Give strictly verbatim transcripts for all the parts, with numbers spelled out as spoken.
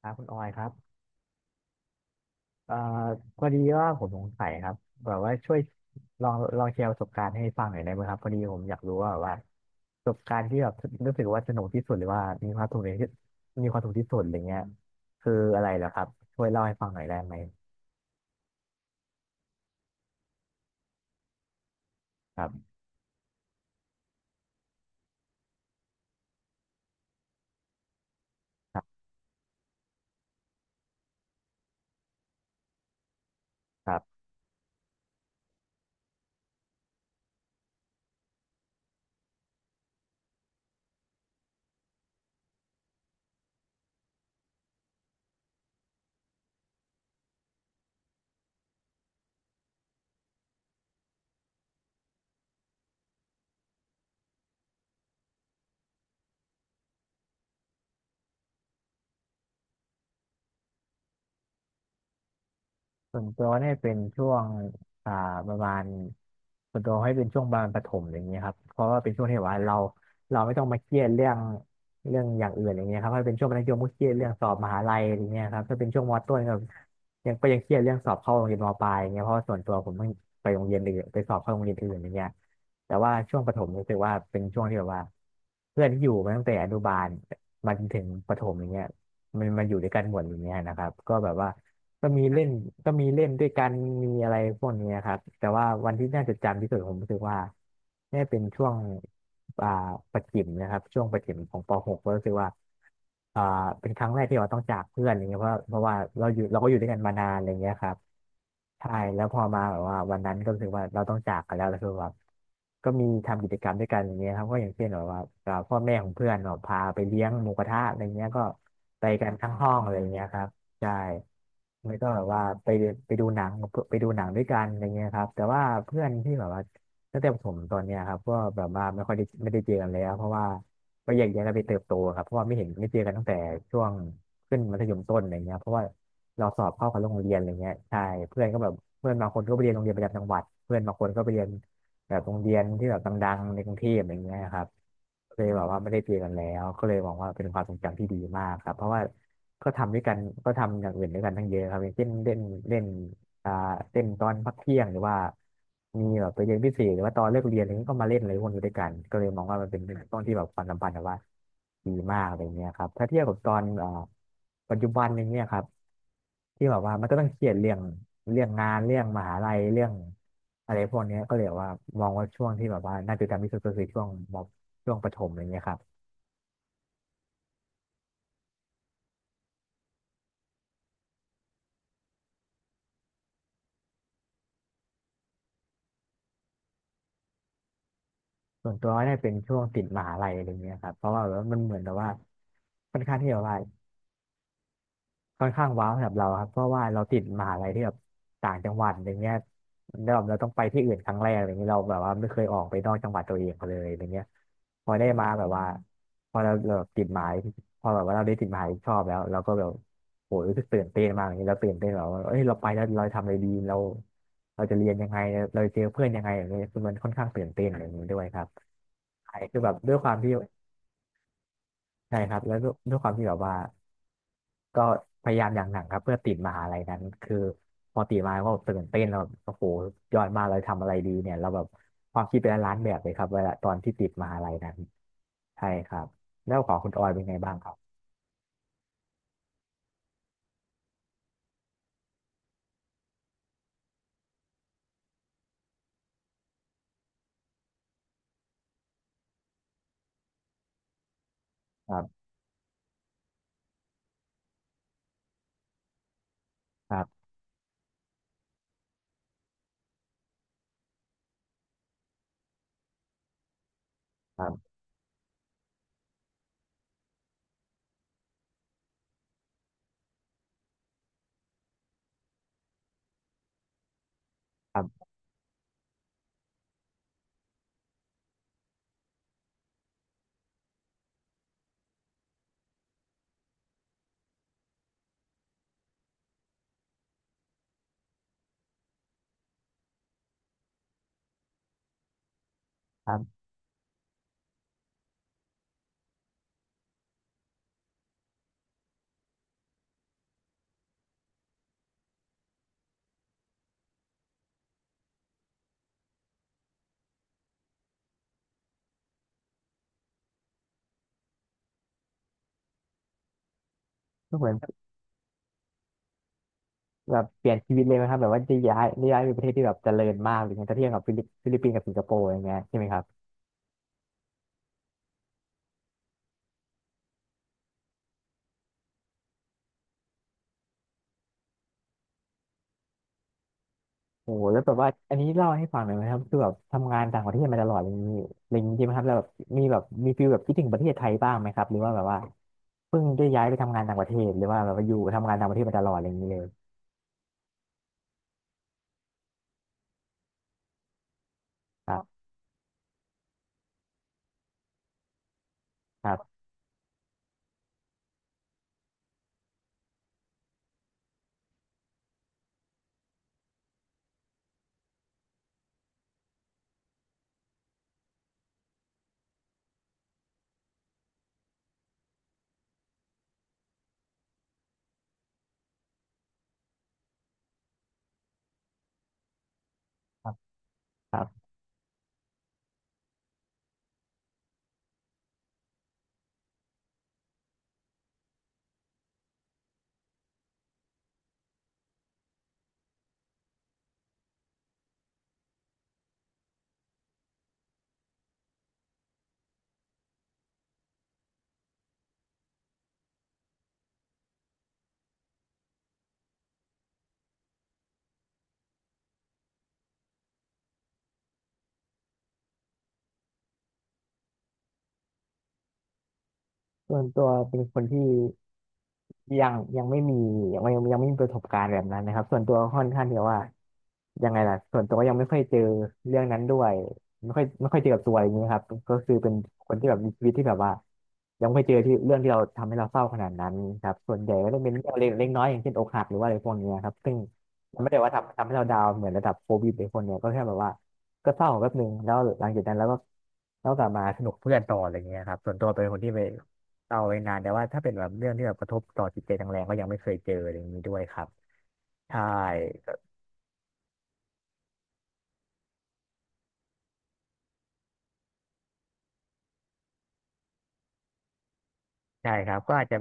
ครับคุณออยครับเอ่อพอดีว่าผมสงสัยครับแบบว่าช่วยลองลองแชร์ประสบการณ์ให้ฟังหน่อยได้ไหมครับพอดีผมอยากรู้ว่าแบบว่าประสบการณ์ที่แบบรู้สึกว่าสนุกที่สุดหรือว่ามีความสุขในที่มีความสุขที่สุดอะไรเงี้ยคืออะไรเหรอครับช่วยเล่าให้ฟังหน่อยได้ไหมครับครับ ส่วนตัวให้เป็นช่วงอ่าประมาณส่วนตัวให้เป็นช่วงประมาณประถมอย่างเงี้ยครับเพราะว่าเป็นช่วงที่แบบว่าเราเราไม่ต้องมาเครียดเรื่องเรื่องอย่างอื่นอย่างเงี้ยครับถ้าเป็นช่วงมัธยมก็เครียดเรื่องสอบมหาลัยอย่างเงี้ยครับถ้าเป็นช่วงมต้นก็ยังก็ยังเครียดเรื่องสอบเข้าโรงเรียนมปลายอย่างเงี้ยเพราะว่าส่วนตัวผมเพิ่งไปโรงเรียนอื่นไปสอบเข้าโรงเรียนอื่นอย่างเงี้ยแต่ว่าช่วงประถมรู้สึกว่าเป็นช่วงที่แบบว่าเพื่อนที่อยู่มาตั้งแต่อนุบาลมาจนถึงประถมอย่างเงี้ยมันมาอยู่ด้วยกันหมดอย่างเงี้ยนะครับก็แบบว่า ก็มีเล่นก็มีเล่นด้วยกันมีอะไรพวกนี้ครับแต่ว่าวันที่น่าจดจำที่สุดผมรู้สึกว่าเนี่ยเป็นช่วงอ่าประถมนะครับช่วงประถมของป .หก กก็รู้สึกว่าอ่าเป็นครั้งแรกที่เราต้องจากเพื่อนอย่างเงี้ยเพราะเพราะว่าเราอยู่เราก็อยู่ด้วยกันมานานอะไรเงี้ยครับใช่แล้วพอมาแบบว่าวันนั้นก็รู้สึกว่าเราต้องจากกันแล้วแล้วคือแบบก็มีทำกิจกรรมด้วยกันอย่างเงี้ยครับก็อย่างเช่นแบบว่าอ่าพ่อแม่ของเพื่อนเนาะพาไปเลี้ยงหมูกระทะอะไรเงี้ยก็ไปกันทั้งห้องอะไรเงี้ยครับ ใช่แล้วก็แบบว่าไปไปดูหนังไปดูหนังด้วยกันอะไรเงี้ยครับแต่ว่าเพื่อนที่แบบว่าตั้งแต่ผมตอนเนี้ยครับก็แบบว่าไม่ค่อยได้ไม่ได้เจอกันแล้วเพราะว่าก็แยกย้ายกันไปเติบโตครับเพราะว่าไม่เห็นไม่เจอกันตั้งแต่ช่วงขึ้นมัธยมต้นอะไรเงี้ยเพราะว่าเราสอบเข้ากับโรงเรียนอะไรเงี้ยใช่เพื่อนก็แบบเพื่อนบางคนก็ไปเรียนโรงเรียนประจำจังหวัดเพื่อนบางคนก็ไปเรียน แบบโรงเรียนที่แบบดังๆในกรุงเทพอะไรเงี้ยครับเลยแบบว่าไม่ได้เจอกันแล้วก็เลยมองว่าเป็นความทรงจำที่ดีมากครับเพราะว่าก็ทำด้วยกันก็ทำอย่างอื่นด้วยกันทั้งเยอะครับอย่างเช่นเล่นเล่น อ่าเล่นตอนพักเที่ยงหรือว่ามีแบบไปเรียนพิเศษหรือว่าตอนเลิกเรียนอะไรเงี้ยก็มาเล่นอะไรพวกนี้ด้วยกันก็เลยมองว่ามันเป็นช่วงที่แบบความสัมพันธ์แบบว่าดีมากอะไรเงี้ยครับถ้าเทียบกับตอนอ่าปัจจุบันอย่างเนี้ยครับที่แบบว่ามันก็ต้องเครียดเรื่องเรื่องงานเรื่องมหาลัยเรื่องอะไรพวกเนี้ยก็เลยแบบว่ามองว่าช่วงที่แบบว่าน่าจะจำที่สุดก็คือช่วงมช่วงประถมอะไรเงี้ยครับส่วนตัวน่าจะเป็นช่วงติดมหาลัยอะไรเงี้ยครับเพราะว่าแบบว่ามันเหมือนแบบว่าค่อนข้างที่แบบว่า ค่อนข้างว้าวสำหรับเราครับเพราะว่าเราติดมหาลัยที่แบบต่างจังหวัดอย่างเงี้ยแล้วแบบเราต้องไปที่อื่นครั้งแรกอะไรเงี้ยเราแบบว่าไม่เคยออกไปนอกจังหวัดตัวเองเลยอะไาเงี้ยพอได้มาแบบว่าพอเราแบบติดหมายพอแบบว่าเราได้ติดหมายชอบแล้วเราก็แบบโหรู้สึกตื่นเต้นมากอย่างเงี้ยเราตื่นเต้นแบบว่าเอ้ยเราไปแล้วเราทำอะไรดีเราเราจะเรียนยังไงเราจะเจอเพื่อนยังไงอย่างเงี้ยคือมันค่อนข้างตื่นเต้นอย่างนี้ด้วยครับใช่คือแบบด้วยความที่ ใช่ครับแล้วด้วยด้วยความที่แบบว่าก็พยายามอย่างหนักครับเพื่อติดมหาลัยนั้นคือพอติดมาก็ตื่นเต้นแล้วแบบโอ้โหยอดมากเลยทำอะไรดีเนี่ยเราแบบความคิดเป็นล้านแบบเลยครับเวลาตอนที่ติดมหาลัยนั้นใช่ครับแล้วของคุณออยเป็นไงบ้างครับครับครับครับครับครับก็เหมือนแบบเปลี่ยนชีวิตเลยไหมครับแบบว่าจะย้ายย้ายไปประเทศที่แบบเจริญมากหรือไงถ้าเทียบกับฟิลิปฟิลิปปินส์กับสิงคโปร์อย่างเงี้ยใช่ไหมครับ โอ้โหแล้วแบบว่าอันนี้เล่าให้ฟังหน่อยไหมครับคือแบบทำงานต่างประเทศมาตลอดอะไรอย่างนี้อะไรอย่างนี้ใช่ไหมครับแล้วแบบมีแบบมีฟีลแบบคิดถึงประเทศไทยบ้างไหมครับหรือว่าแบบว่าเพิ่งได้ย้ายไปทำงานต่างประเทศหรือว่าแบบว่าอยู่ทำงานต่างประเทศมาตลอดอะไรอย่างนี้เลยครับครับครับครับส่วนตัวเป็นคนที่ ยังยังไม่มียังไม่ยังไม่มีประสบการณ์แบบนั้นนะครับส่วนตัวค่อนข้างที่ว่ายังไงล่ะส่วนตัวยังไม่ค่อยเจอเรื่องนั้นด้วยไม่ค่อยไม่ค่อยเจอกับตัวอะไรอย่างนี้ยครับก็คือเป็นคนที่แบบมีชีวิตที่แบบว่ายังไม่เจอที่เรื่องที่เราทำให้เราเศร้าขนาดนั้นครับส่วนใหญ่ก็จะเป็นเรื่องเล็กเล็กน้อยอย่างเช่นอกหักหรือว่าอะไรพวกเนี้ยครับซึ่งมันไม่ได้ว่าทำทำให้เราดาวน์เหมือนระดับโควิดหรือคนเนี้ยก็แค่แบบว่าก็เศร้าแป๊บนึงแล้วหลังจากนั้นแล้วก็แล้วกลับมาสนุกเพื่อนต่ออะไรเงี้ยครับส่วนตัวเป็นคนที่ไป เอาไว้นานแต่ว่าถ้าเป็นแบบเรื่องที่แบบกระทบต่อจิตใจแรงๆก็ยังไม่เคยเจออะไรอย่างนี้ด้วยครับใช่ก็ใช่ครับก็อาจจะ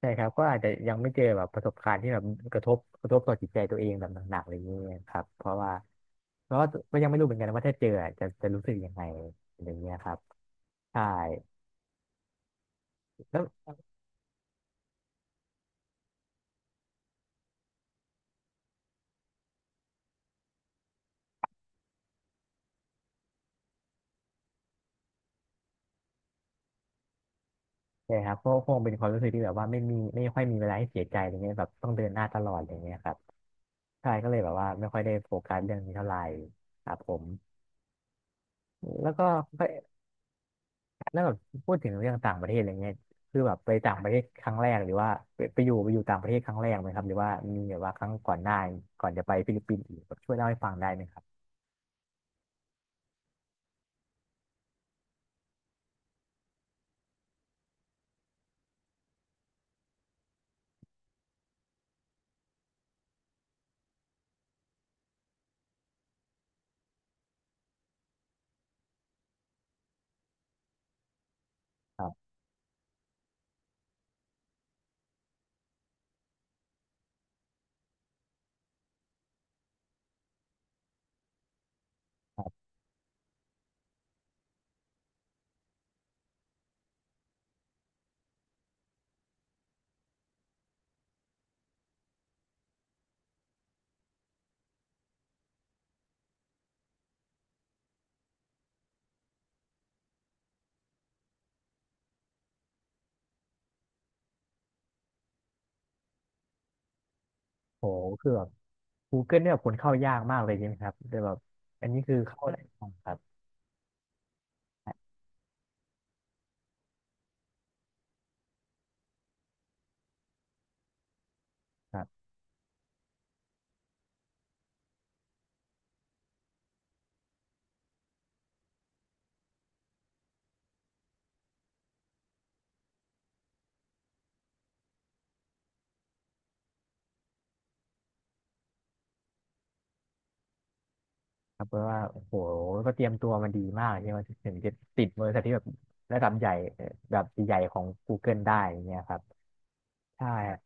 ใช่ครับก็อาจจะยังไม่เจอแบบประสบการณ์ที่แบบกระทบกระทบต่อจิตใจตัวเองแบบหนักๆอะไรอย่างนี้ครับเพราะว่าเพราะว่าก็ยังไม่รู้เหมือนกันว่าถ้าเจออะจะจะรู้สึกยังไงอะไรอย่างเงี้ยครับใช่แล้วใช่ครับก็คงเป็นความรู้สึกที่แบบว่าไม่มีไม่ค่อยมีเวลาให้เสียใจอะไรเงี้ยแบบต้องเดินหน้าตลอดอะไรอย่างเงี้ยครับใช่ก็เลยแบบว่าไม่ค่อยได้โฟกัสเรื่องนี้เท่าไหร่ครับผมแล้วก็ แล้วแบบพูดถึงเรื่องต่างประเทศอะไรเงี้ยคือแบบไปต่างประเทศครั้งแรกหรือว่าไปไปอยู่ไปอยู่ต่างประเทศครั้งแรกไหมครับหรือว่ามีแบบว่าครั้งก่อนหน้าก่อนจะไปฟิลิปปินส์อีกแบบช่วยเล่าให้ฟังได้ไหมครับครับครับโหคือแบบ Google เนี่ยแบบคนเข้ายากมากเลยใช่ไหมครับแต่แบบอันนี้คือเข้าได้ครับครับครับครับเพราะว่าโอ้โหก็เตรียมตัวมาดีมากใช่ไหมถึงจะติดบริษัทที่แบบระดับใหญ่เอ่อแบบใหญ่ของ Google ได้อย่างเงี้ยครับใช่ครับ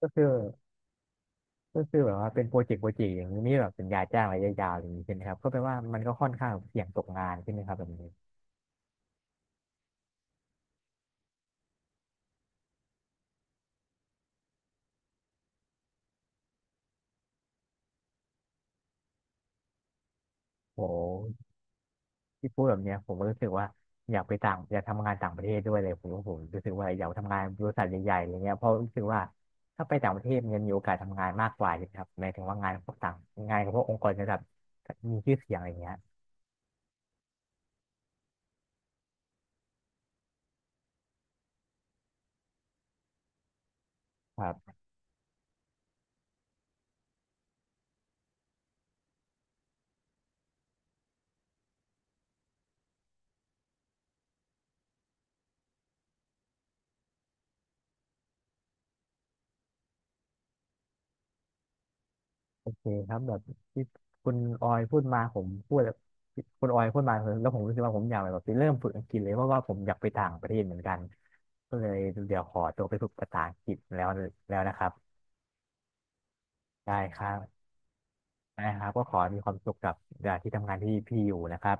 ก็คือ ก็คือแบบว่าเป็นโปรเจกต์โปรเจกต์อย่างนี้แบบสัญญาจ้างระยะยาวอย่างนี้ใช่ไหมครับก็แปลว่ามันก็ค่อนข้างเสี่ยงตกงานใช่ไหมครับแบบนี้โอ้หที่พูดแบบเนี้ยผมก็รู้สึกว่าอยากไปต่างอยากทำงานต่างประเทศด้วยเลยผมว่าผมรู้สึกว่าอยากทำงานบริษัทใหญ่ๆอะไรเงี้ยเพราะรู้สึกว่าถ้าไปต่างประเทศมันจะมีโอกาสทำงานมากกว่าใช่ไหมครับหมายถึงว่างานพวกต่างงานกับพวกองค์กรระดับมีชื่อเสียงอะไรเงี้ยครับ โอเคครับแบบที่คุณออยพูดมาผมพูดแบบคุณออยพูดมาแล้วผมรู้สึกว่าผมอยากแบบไปเริ่มฝึกอังกฤษเลยเพราะว่าผมอยากไปต่างประเทศเหมือนกันก็เลยเดี๋ยวขอตัวไปฝึกภาษาอังกฤษแล้วแล้วนะครับได้ครับได้ครับก็ขอให้มีความสุขกับที่ทำงานที่พี่อยู่นะครับ